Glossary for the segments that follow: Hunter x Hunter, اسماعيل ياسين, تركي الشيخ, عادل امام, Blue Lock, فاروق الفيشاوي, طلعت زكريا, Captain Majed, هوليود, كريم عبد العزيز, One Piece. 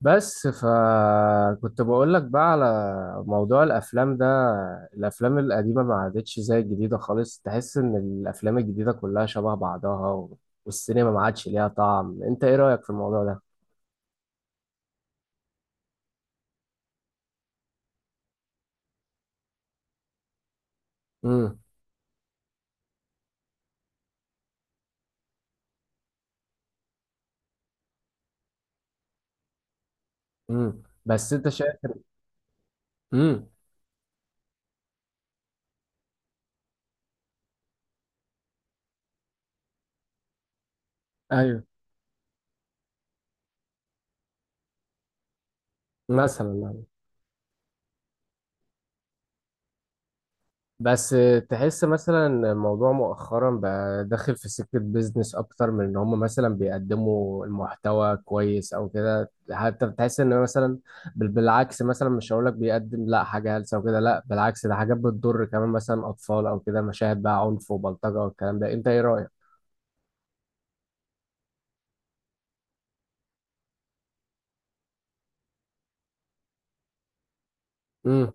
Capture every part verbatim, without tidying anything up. بس فكنت بقول لك بقى على موضوع الافلام ده. الافلام القديمه ما عادتش زي الجديده خالص. تحس ان الافلام الجديده كلها شبه بعضها و... والسينما ما عادش ليها طعم. انت ايه رايك في الموضوع ده؟ امم. امم. بس انت شايف. امم. ايوه مثلا. يعني بس. تحس مثلا إن الموضوع مؤخرا بقى داخل في سكة بيزنس أكتر من إن هم مثلا بيقدموا المحتوى كويس أو كده. حتى بتحس إن مثلا بال- بالعكس مثلا، مش هقولك بيقدم لا حاجة هلسة وكده، لا بالعكس، ده حاجات بتضر كمان مثلا أطفال أو كده، مشاهد بقى عنف وبلطجة والكلام ده. أنت إيه رأيك؟ امم.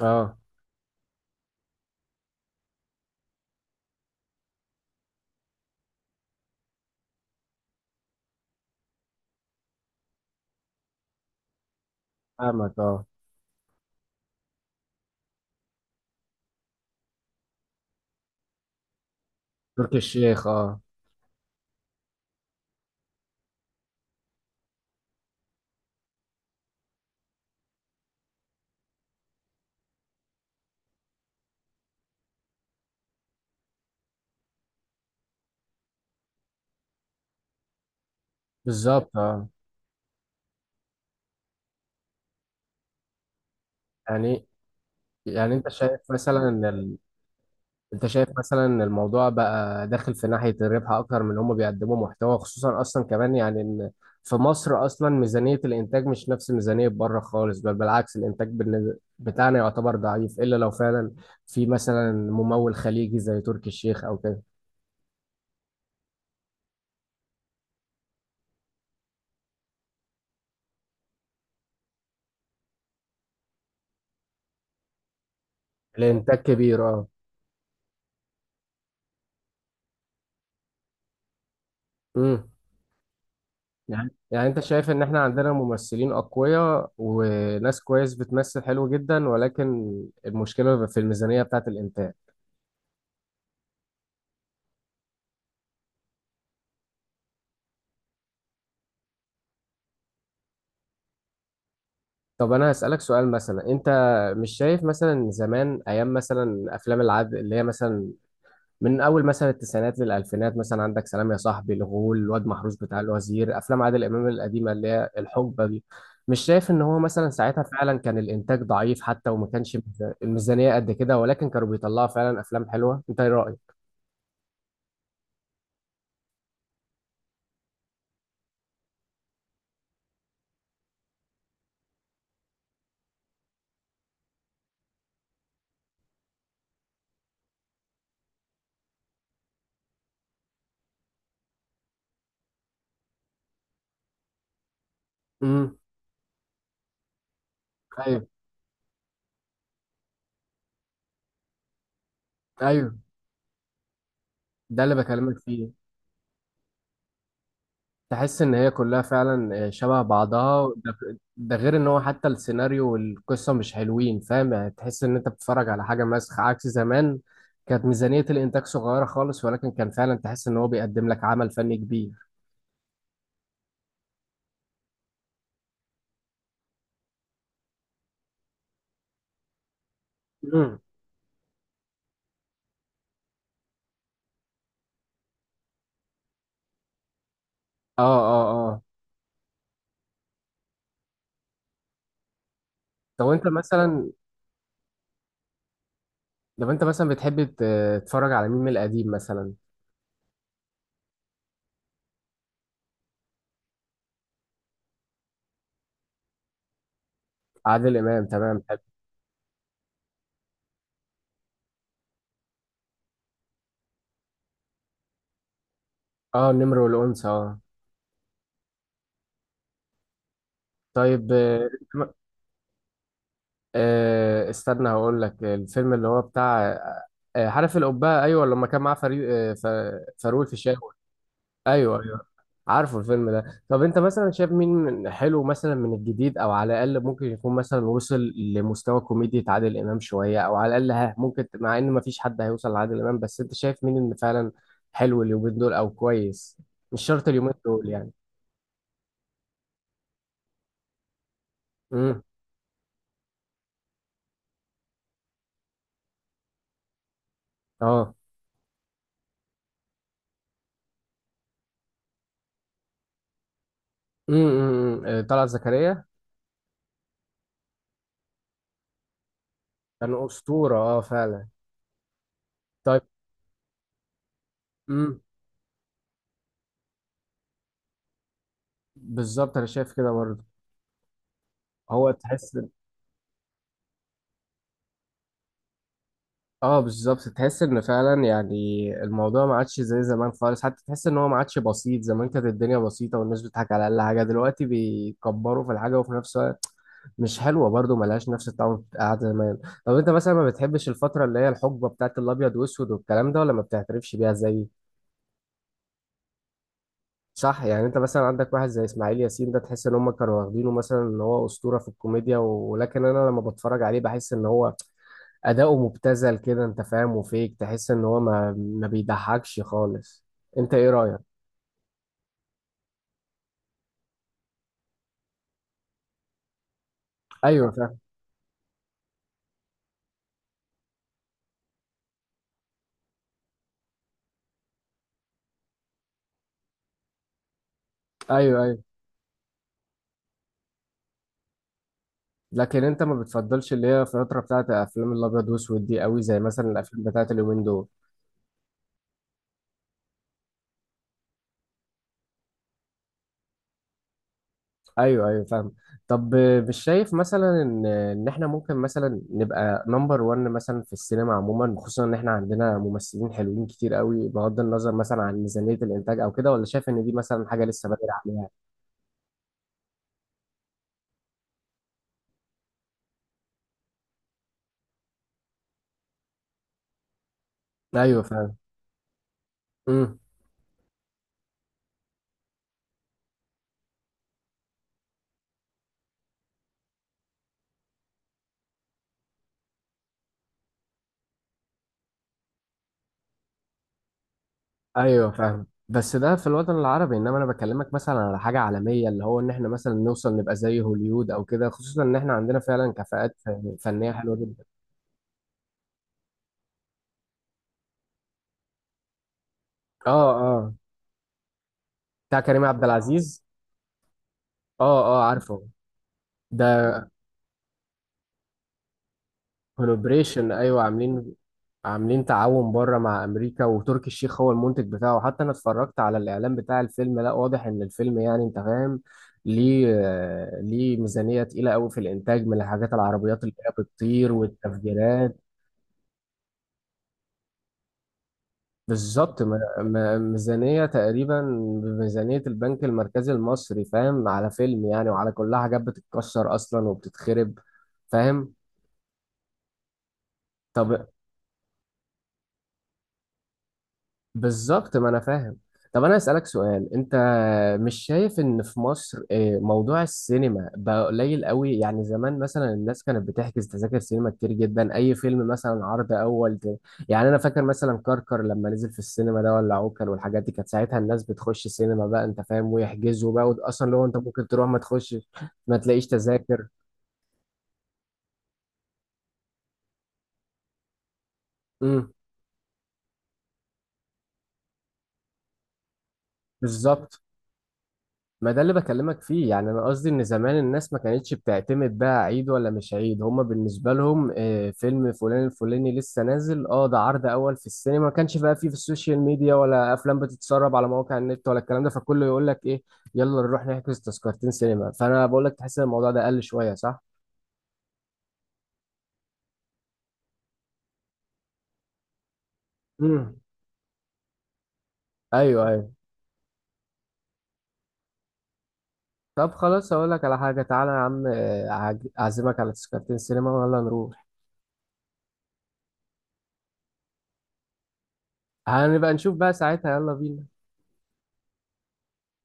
اه. فاهمك. اه. تركي الشيخ. اه بالظبط. اه يعني يعني. أنت شايف مثلا. انت شايف مثلا ان الموضوع بقى داخل في ناحية الربح اكتر من هم بيقدموا محتوى، خصوصا اصلا كمان، يعني ان في مصر اصلا ميزانية الانتاج مش نفس ميزانية بره خالص. بل بالعكس الانتاج بالن- بتاعنا يعتبر ضعيف، الا لو فعلا في مثلا ممول خليجي زي تركي الشيخ او كده. الانتاج كبير، اه. امم. يعني يعني انت شايف ان احنا عندنا ممثلين اقوياء وناس كويس بتمثل حلو جدا، ولكن المشكلة في الميزانية بتاعت الانتاج. طب انا هسألك سؤال مثلا. انت مش شايف مثلا زمان ايام مثلا افلام العدل اللي هي مثلا من اول مثلا التسعينات للالفينات؟ مثلا عندك سلام يا صاحبي، الغول، الواد محروس بتاع الوزير، افلام عادل امام القديمه اللي هي الحقبه دي. مش شايف ان هو مثلا ساعتها فعلا كان الانتاج ضعيف حتى، وما كانش ميزا- الميزانيه قد كده، ولكن كانوا بيطلعوا فعلا افلام حلوه؟ انت ايه رايك؟ امم. ايوه ايوه. ده اللي بكلمك فيه. تحس ان هي كلها فعلا آه، شبه بعضها ده, ده غير ان هو حتى السيناريو والقصه مش حلوين. فاهم يعني؟ تحس ان انت بتتفرج على حاجه مسخ عكس زمان. كانت ميزانيه الانتاج صغيره خالص ولكن كان فعلا تحس ان هو بيقدم لك عمل فني كبير. مم. اه اه اه. طب انت مثلا، لو انت مثلا بتحب ت- تتفرج على مين من القديم مثلا؟ عادل امام، تمام، حلو. اه، النمر والانثى، اه. طيب. آه، آه، استنى هقول لك الفيلم اللي هو بتاع آه، آه، عارف، القبعة، ايوه، لما كان معاه فريق آه، ف- فاروق الفيشاوي. ايوه ايوه. عارفه الفيلم ده. طب انت مثلا شايف مين من- حلو مثلا من الجديد او على الاقل ممكن يكون مثلا وصل لمستوى كوميديا عادل امام شويه، او على الاقل ها، ممكن، مع ان مفيش حد هيوصل لعادل امام، بس انت شايف مين اللي فعلا حلو اليومين دول او كويس؟ مش شرط اليومين دول يعني. امم. اه. امم. أمم، أمم. آه، طلعت زكريا. كان اسطوره اه فعلا. طيب. امم. بالظبط، انا شايف كده برضه. هو تحس، اه بالظبط، تحس ان فعلا يعني الموضوع ما عادش زي زمان خالص. حتى تحس ان هو ما عادش بسيط. زمان كانت الدنيا بسيطه والناس بتضحك على اقل حاجه، دلوقتي بيكبروا في الحاجه وفي نفس الوقت مش حلوه برضه، ملهاش نفس الطعم بتاع زمان. طب انت مثلا ما بتحبش الفتره اللي هي الحقبه بتاعت الابيض واسود والكلام ده، ولا ما بتعترفش بيها زي؟ صح. يعني انت مثلا عندك واحد زي اسماعيل ياسين ده، تحس ان هم كانوا واخدينه مثلا ان هو اسطوره في الكوميديا، ولكن انا لما بتفرج عليه بحس ان هو اداؤه مبتذل كده. انت فاهم؟ وفيك تحس ان هو ما ما بيضحكش خالص. انت ايه رايك؟ ايوه فاهم. ايوه ايوه. لكن انت ما بتفضلش اللي هي الفتره بتاعت افلام الابيض واسود دي قوي زي مثلا الافلام بتاعت اليومين دول؟ ايوه ايوه فاهم. طب آه، مش شايف مثلا ان ان احنا ممكن مثلا نبقى نمبر وان مثلا في السينما عموما، خصوصا ان احنا عندنا ممثلين حلوين كتير قوي، بغض النظر مثلا عن ميزانيه الانتاج او كده، ولا شايف ان دي مثلا حاجه لسه بدري عليها؟ ايوه فاهم. امم. ايوه فاهم. بس ده في الوطن العربي، انما انا بكلمك مثلا على حاجه عالميه اللي هو ان احنا مثلا نوصل نبقى زي هوليود او كده، خصوصا ان احنا عندنا فعلا كفاءات ف- فنيه حلوه جدا. اه اه. بتاع كريم عبد العزيز. اه اه عارفه ده. كولابريشن، ايوه، عاملين. عاملين تعاون بره مع امريكا، وتركي الشيخ هو المنتج بتاعه. حتى انا اتفرجت على الاعلان بتاع الفيلم، لا واضح ان الفيلم يعني انت فاهم ليه. آه، ليه ميزانيه تقيله قوي في الانتاج، من الحاجات العربيات اللي هي بتطير والتفجيرات. بالظبط. م- م- ميزانية تقريبا بميزانية البنك المركزي المصري، فاهم، على فيلم يعني، وعلى كلها حاجات بتتكسر أصلا وبتتخرب. فاهم. طب بالظبط، ما انا فاهم. طب انا اسالك سؤال. انت مش شايف ان في مصر آه، موضوع السينما بقى قليل قوي؟ يعني زمان مثلا الناس كانت بتحجز تذاكر سينما كتير جدا. اي فيلم مثلا عرض اول ت- يعني انا فاكر مثلا كركر لما نزل في السينما ده، ولا عوكل، والحاجات دي كانت ساعتها الناس بتخش السينما بقى، انت فاهم، ويحجزوا بقى، وت- اصلا لو انت ممكن تروح ما تخش، ما تلاقيش تذاكر. امم. بالظبط، ما ده اللي بكلمك فيه. يعني انا قصدي ان زمان الناس ما كانتش بتعتمد بقى عيد ولا مش عيد، هما بالنسبه لهم آه، فيلم فلان الفلاني لسه نازل اه، ده عرض اول في السينما، ما كانش بقى فيه في السوشيال ميديا ولا افلام بتتسرب على مواقع النت ولا الكلام ده، فكله يقول لك ايه، يلا نروح نحجز تذكرتين سينما. فانا بقول لك تحس ان الموضوع ده قل شويه صح؟ امم. ايوه ايوه. طب خلاص اقول لك على حاجه، تعالى يا عم، آه، أعج- اعزمك على تذكرتين سينما، ويلا نروح. هنبقى نشوف بقى ساعتها. يلا بينا.